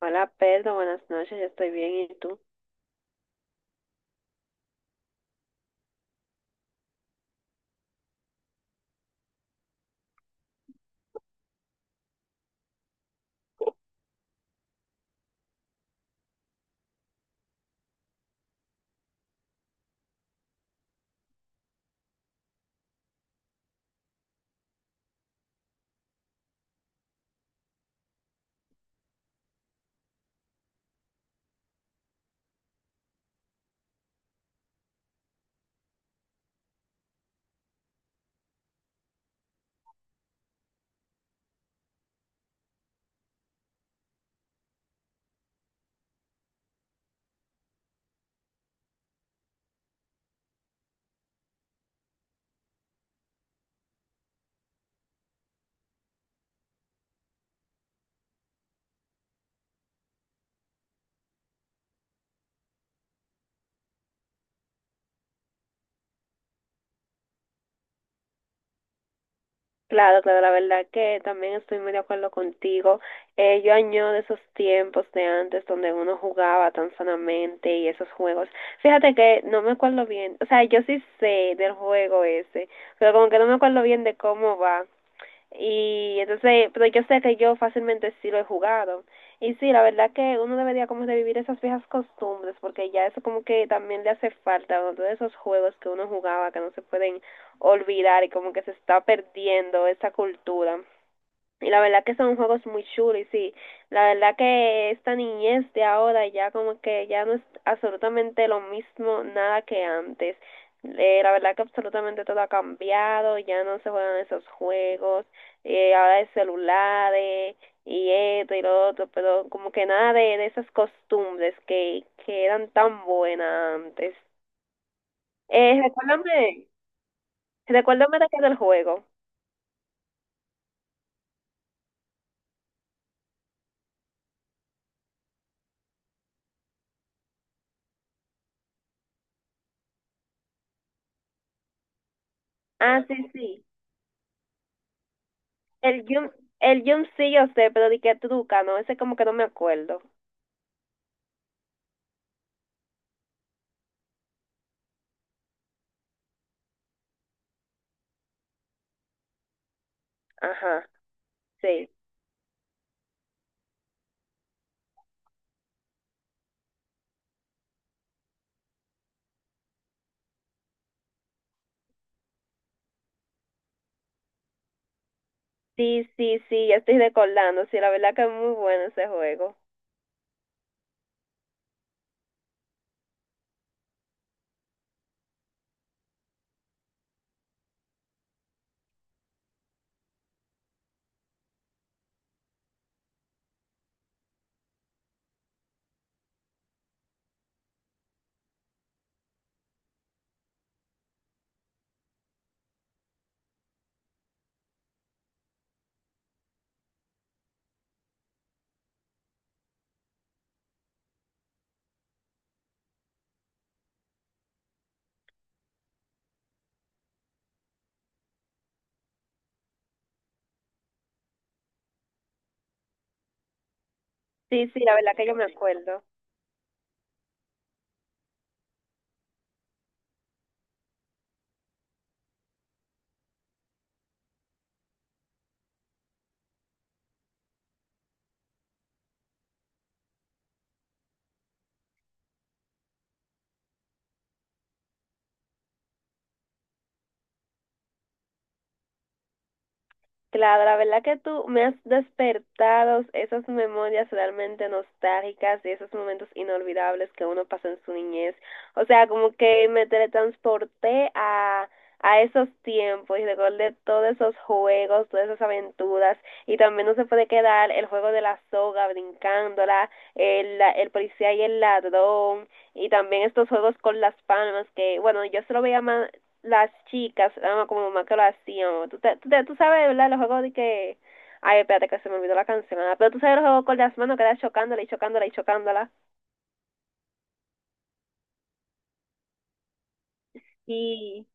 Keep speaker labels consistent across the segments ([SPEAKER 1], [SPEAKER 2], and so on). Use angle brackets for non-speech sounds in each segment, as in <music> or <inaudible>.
[SPEAKER 1] Hola Pedro, buenas noches, yo estoy bien, ¿y tú? Claro, claro, la verdad que también estoy muy de acuerdo contigo. Yo añoro esos tiempos de antes donde uno jugaba tan sanamente y esos juegos. Fíjate que no me acuerdo bien, o sea, yo sí sé del juego ese, pero como que no me acuerdo bien de cómo va. Y entonces, pero yo sé que yo fácilmente sí lo he jugado. Y sí, la verdad que uno debería como revivir esas viejas costumbres, porque ya eso como que también le hace falta, ¿no? Todos esos juegos que uno jugaba, que no se pueden olvidar y como que se está perdiendo esa cultura. Y la verdad que son juegos muy chulos, y sí, la verdad que esta niñez de ahora ya como que ya no es absolutamente lo mismo nada que antes. La verdad que absolutamente todo ha cambiado, ya no se juegan esos juegos, ahora es celulares y esto y lo otro, pero como que nada de esas costumbres que eran tan buenas antes. Recuérdame, recuérdame de qué del juego. Ah, sí, sí. El Jun, el Jun sí yo sé, pero di que truca, ¿no? Ese como que no me acuerdo. Ajá, sí. Sí, sí, sí, ya estoy recordando. Sí, la verdad que es muy bueno ese juego. Sí, sí, la verdad que yo me acuerdo. Claro, la verdad que tú me has despertado esas memorias realmente nostálgicas y esos momentos inolvidables que uno pasa en su niñez. O sea, como que me teletransporté a esos tiempos y recordé todos esos juegos, todas esas aventuras. Y también no se puede quedar el juego de la soga brincándola, el policía y el ladrón, y también estos juegos con las palmas que, bueno, yo se lo veía más, las chicas, ah, como mamá que lo hacían. Tú sabes, ¿verdad? Los juegos de que. Ay, espérate que se me olvidó la canción. Pero tú sabes los juegos con las manos que era chocándola y chocándola y chocándola. Y.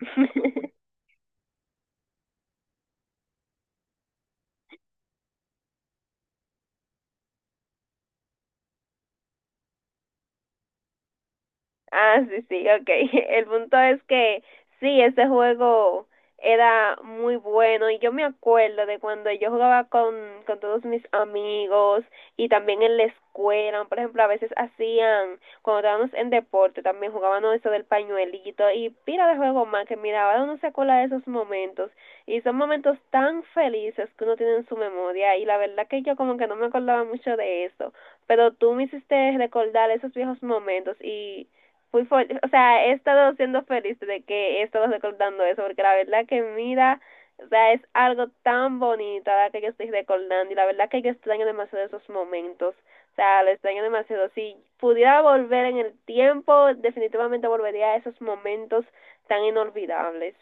[SPEAKER 1] <laughs> Ah, sí, sí, ok. <laughs> El punto es que sí, ese juego era muy bueno y yo me acuerdo de cuando yo jugaba con todos mis amigos y también en la escuela, por ejemplo, a veces hacían, cuando estábamos en deporte, también jugábamos eso del pañuelito y pila de juego más que mira, ahora uno se acuerda de esos momentos y son momentos tan felices que uno tiene en su memoria y la verdad que yo como que no me acordaba mucho de eso, pero tú me hiciste recordar esos viejos momentos y fui fuerte, o sea, he estado siendo feliz de que he estado recordando eso, porque la verdad que mira, o sea, es algo tan bonito la que yo estoy recordando y la verdad que yo extraño demasiado esos momentos. O sea, lo extraño demasiado. Si pudiera volver en el tiempo, definitivamente volvería a esos momentos tan inolvidables.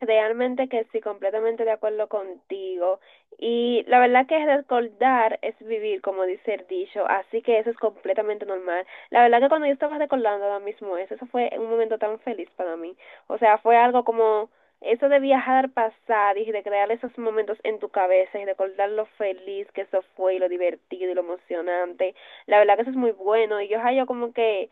[SPEAKER 1] Realmente que sí, completamente de acuerdo contigo. Y la verdad que recordar es vivir, como dice el dicho, así que eso es completamente normal. La verdad que cuando yo estaba recordando ahora mismo eso, eso fue un momento tan feliz para mí. O sea, fue algo como eso de viajar, pasar y de crear esos momentos en tu cabeza y recordar lo feliz que eso fue y lo divertido y lo emocionante. La verdad que eso es muy bueno. Y yo, ay, yo como que,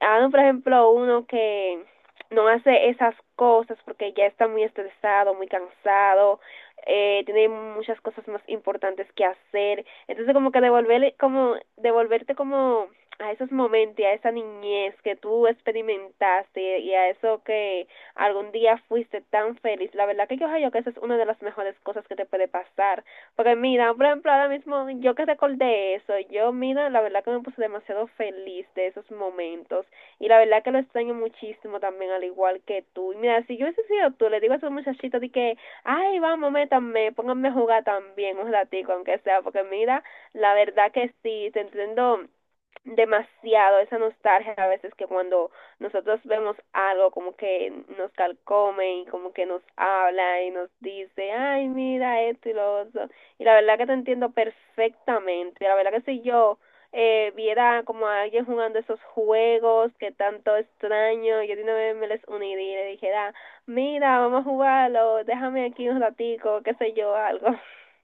[SPEAKER 1] ah, por ejemplo, uno que no hace esas cosas porque ya está muy estresado, muy cansado, tiene muchas cosas más importantes que hacer. Entonces como que devolverle, como devolverte como a esos momentos, y a esa niñez que tú experimentaste y a eso que algún día fuiste tan feliz. La verdad que yo creo que esa es una de las mejores cosas que te puede pasar. Porque mira, por ejemplo, ahora mismo yo que recordé eso, yo mira, la verdad que me puse demasiado feliz de esos momentos. Y la verdad que lo extraño muchísimo también, al igual que tú. Y mira, si yo hubiese sido tú, le digo a esos muchachitos de que, ay, vamos, métanme, pónganme a jugar también un ratico, aunque sea, porque mira, la verdad que sí, te entiendo demasiado esa nostalgia a veces que cuando nosotros vemos algo como que nos calcome y como que nos habla y nos dice, ay, mira esto y lo otro. Y la verdad que te entiendo perfectamente. La verdad que si yo viera como a alguien jugando esos juegos que tanto extraño, yo de una vez me les uniría y le dijera, mira, vamos a jugarlo, déjame aquí un ratico, qué sé yo, algo. <laughs>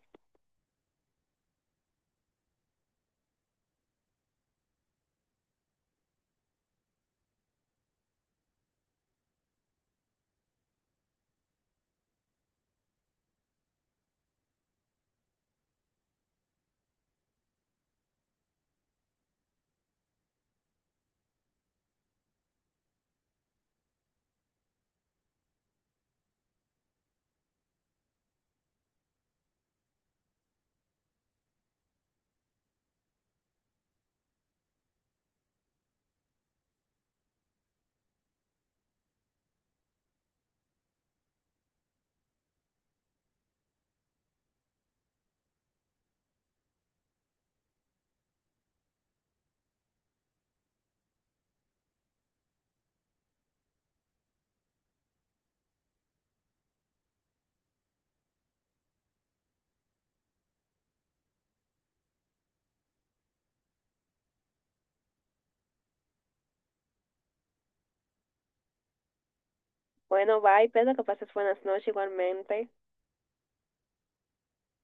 [SPEAKER 1] Bueno, bye, Pedro, que pases buenas noches igualmente.